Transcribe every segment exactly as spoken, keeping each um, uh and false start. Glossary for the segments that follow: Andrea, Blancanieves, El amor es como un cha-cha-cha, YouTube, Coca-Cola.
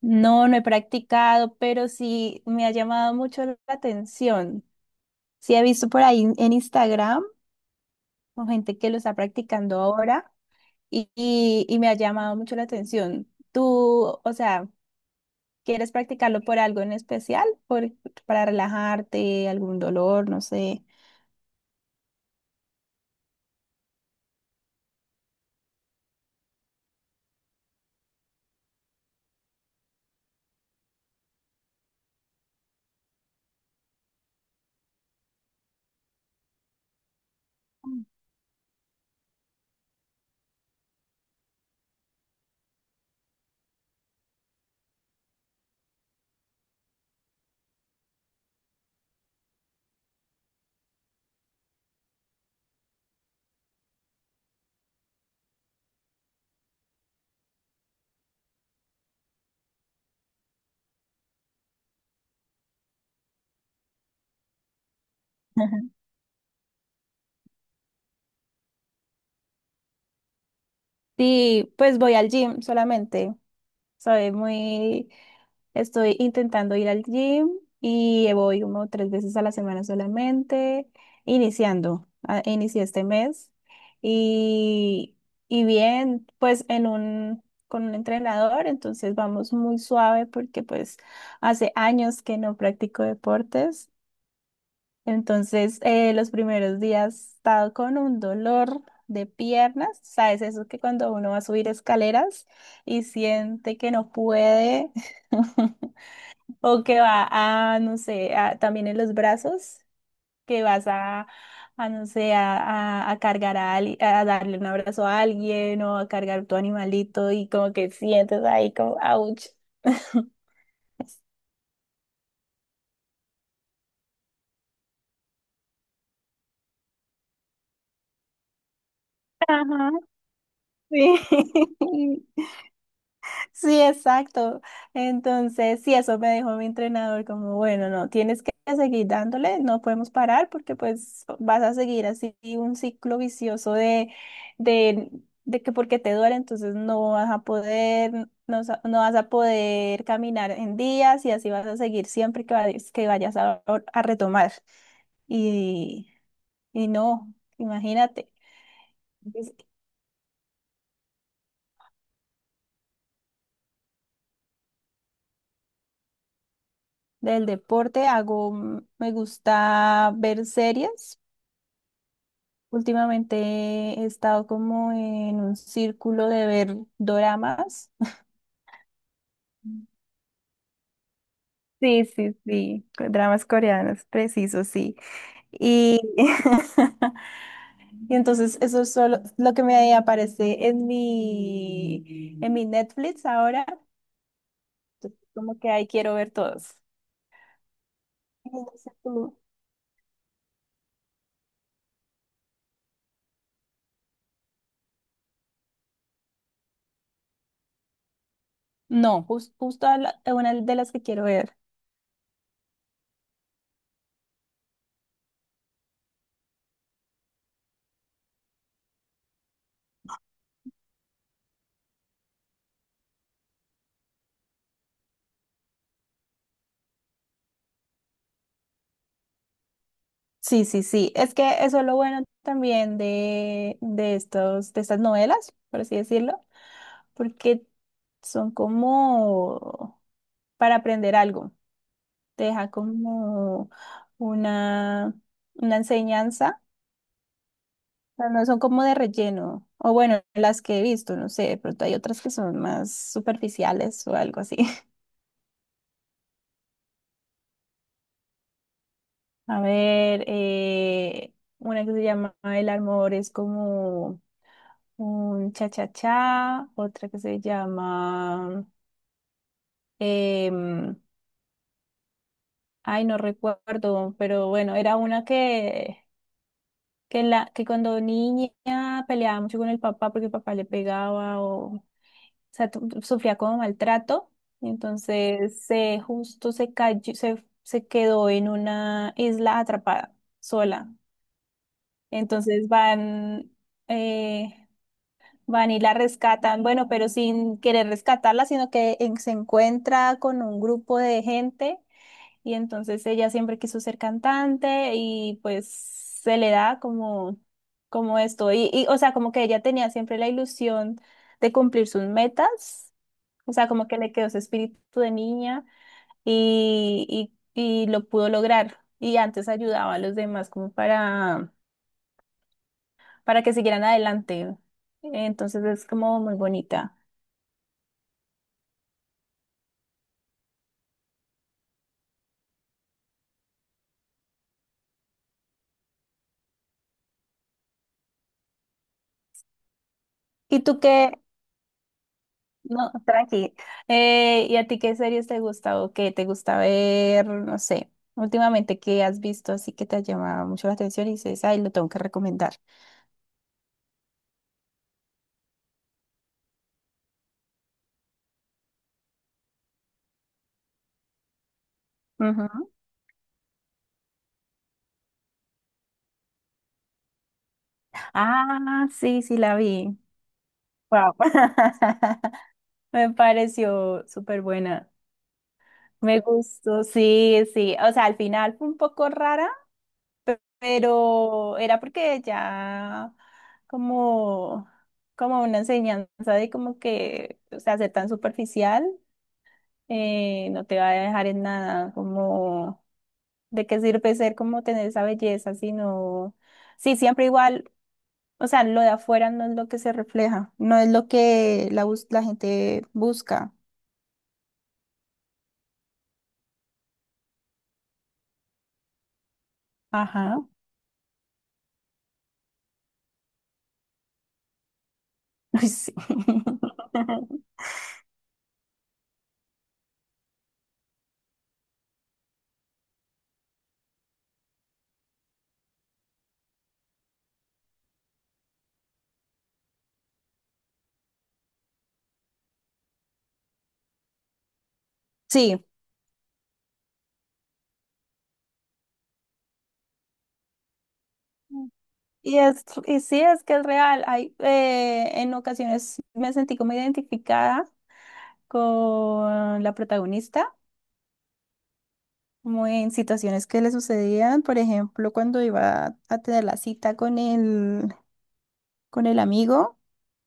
No, no he practicado, pero sí me ha llamado mucho la atención. Sí he visto por ahí en Instagram o gente que lo está practicando ahora y, y- y me ha llamado mucho la atención. ¿Tú, o sea, quieres practicarlo por algo en especial? Por, para relajarte, algún dolor, no sé. Sí, pues voy al gym solamente. Soy muy, estoy intentando ir al gym y voy como tres veces a la semana solamente, iniciando, ah, inicié este mes y, y bien, pues en un, con un entrenador, entonces vamos muy suave porque pues hace años que no practico deportes. Entonces, eh, los primeros días he estado con un dolor de piernas, ¿sabes? Eso que cuando uno va a subir escaleras y siente que no puede, o que va a, no sé, a- también en los brazos, que vas a, a, no sé, a, a- a cargar a, ali- a darle un abrazo a alguien o a cargar tu animalito y como que sientes ahí como, ouch. Ajá, sí. Sí, exacto. Entonces, sí, eso me dijo mi entrenador, como, bueno, no, tienes que seguir dándole, no podemos parar porque pues vas a seguir así un ciclo vicioso de, de, de que porque te duele, entonces no vas a poder, no, sa- no vas a poder caminar en días y así vas a seguir siempre que vayas, que vayas a, a retomar. Y, y no, imagínate, es- del deporte hago, mm, me gusta ver series. Últimamente he estado como en un círculo de ver doramas. Sí, sí, sí, co- dramas coreanos, preciso, sí. Y, y entonces eso es solo lo que me aparece en mi, en mi Netflix ahora. Entonces, como que ahí quiero ver todos. Y no sé tú. No, jus- justo a la- a una de las que quiero ver. Sí, sí, sí. Es que eso es lo bueno también de, de estos, de estas novelas, por así decirlo, porque son como para aprender algo. Te deja como una, una enseñanza, pero no son como de relleno. O bueno, las que he visto, no sé, de pronto hay otras que son más superficiales o algo así. A ver, eh, una que se llama El amor es como un cha-cha-cha, otra que se llama... em, ay, no recuerdo, pero bueno, era una que que la que cuando niña peleaba mucho con el papá porque el papá le pegaba o, o sea, tu- tu- sufría como maltrato. Entonces se justo se cayó, se, se quedó en una isla atrapada sola. Entonces van, eh, van y la rescatan, bueno, pero sin querer rescatarla, sino que en- se encuentra con un grupo de gente y entonces ella siempre quiso ser cantante y pues se le da como, como esto. Y, y, o sea, como que ella tenía siempre la ilusión de cumplir sus metas. O sea, como que le quedó ese espíritu de niña y, y, y lo pudo lograr. Y antes ayudaba a los demás como para, para que siguieran adelante. Entonces es como muy bonita. ¿Y tú qué, no, tranqui. Eh, ¿y a ti qué series te gusta o qué te gusta ver? No sé, últimamente qué has visto así que te ha llamado mucho la atención y dices, ay, lo tengo que recomendar. Ujú. Ah, sí, sí, la vi. Wow. Me pareció súper buena. Me gustó, sí, sí. O sea, al final fue un poco rara, pe- pero era porque ya como, como una enseñanza de como que, o sea, ser tan superficial. eh, no te va a dejar en nada, como de qué sirve ser como tener esa belleza, sino, sí, siempre igual, o sea, lo de afuera no es lo que se refleja, no es lo que la, bus- la gente busca. Ajá, ay, sí. Sí. Y, es, y sí, es que es real. Hay, eh, en ocasiones me sentí como identificada con la protagonista como en situaciones que le sucedían, por ejemplo, cuando iba a tener la cita con el, con el amigo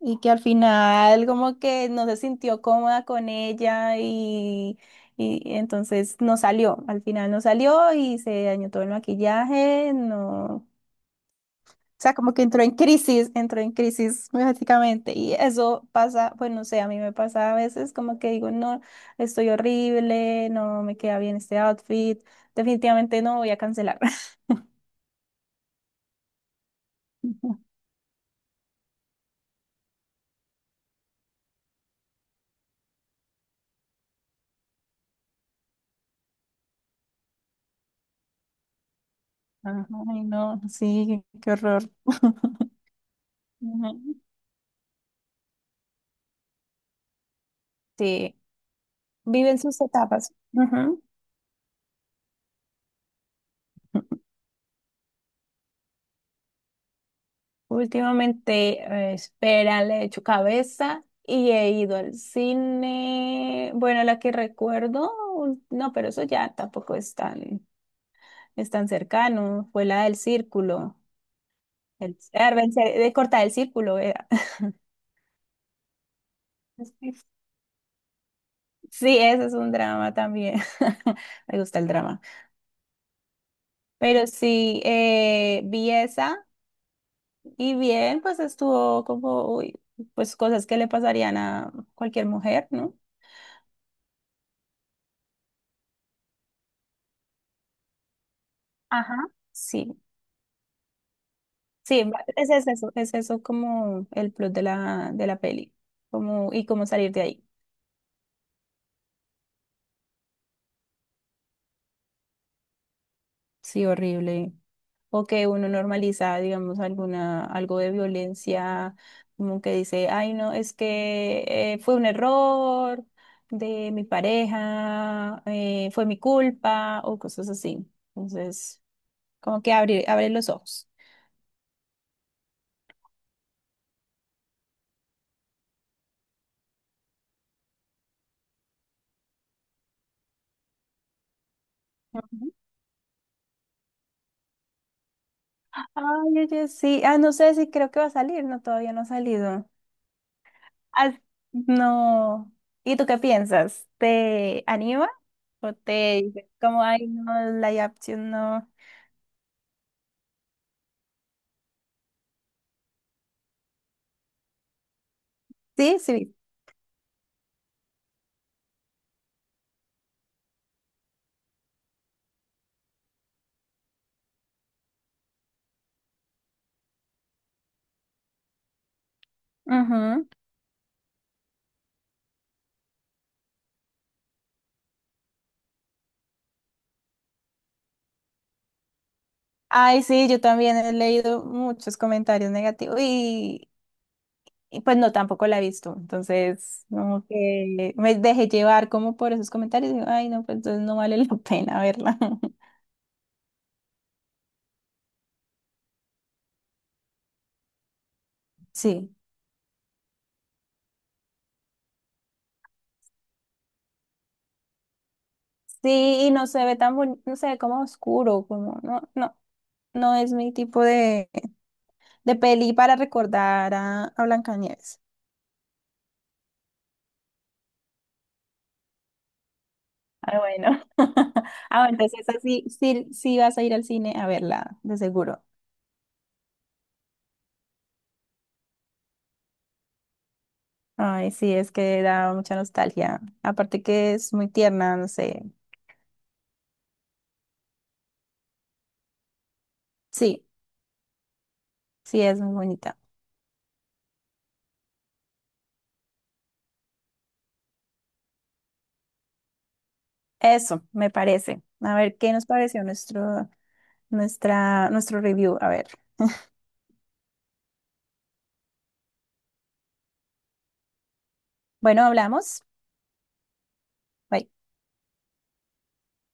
y que al final como que no se sintió cómoda con ella y, y entonces no salió, al final no salió y se dañó todo el maquillaje, no, o sea, como que entró en crisis, entró en crisis básicamente y eso pasa, pues no sé, a mí me pasa a veces como que digo, no, estoy horrible, no me queda bien este outfit. Definitivamente no voy a cancelar. Ay, no, sí, qué, qué horror. Ujú. Sí, viven sus etapas. Ujú. Últimamente, eh, espera, le he hecho cabeza y he ido al cine. Bueno, la que recuerdo, ul- no, pero eso ya tampoco es tan, es tan cercano. Fue la del círculo, el, ah, el cer- de cortar el círculo, era. Sí, sí, ese es un drama también. Me gusta el drama. Pero sí, eh, vi esa. Y bien, pues estuvo como, uy, pues cosas que le pasarían a cualquier mujer, ¿no? Ajá. Sí, sí, va- es, es eso, es eso como el plot de la, de la peli, como, y cómo salir de ahí. Sí, horrible. O que uno normaliza, digamos, alguna, algo de violencia, como que dice, ay, no, es que eh, fue un error de mi pareja, eh, fue mi culpa, o cosas así. Entonces, como que abre, abre los ojos. Ujú. Ay, oye, sí. Ah, no sé si creo que va a salir. No, todavía no ha salido. Ah, no. ¿Y tú qué piensas? ¿Te anima? ¿O te dice como, ay, no, la opción no? Sí, sí. Ujú. Ay, sí, yo también he leído muchos comentarios negativos y, y pues no, tampoco la he visto. Entonces, como que me dejé llevar como por esos comentarios y digo, ay, no, pues entonces no vale la pena verla. Sí. Sí, y no se ve tan bonito, no se ve como oscuro, como no, no, no es mi tipo de, de peli para recordar a, a Blancanieves. Ah, bueno. Ah, bueno, entonces esa sí, sí, sí vas a ir al cine a verla, de seguro. Ay, sí, es que da mucha nostalgia. Aparte que es muy tierna, no sé. Sí, sí, es muy bonita. Eso, me parece. A ver, ¿qué nos pareció nuestro, nuestra, nuestro review? A ver. Bueno, hablamos. Bye.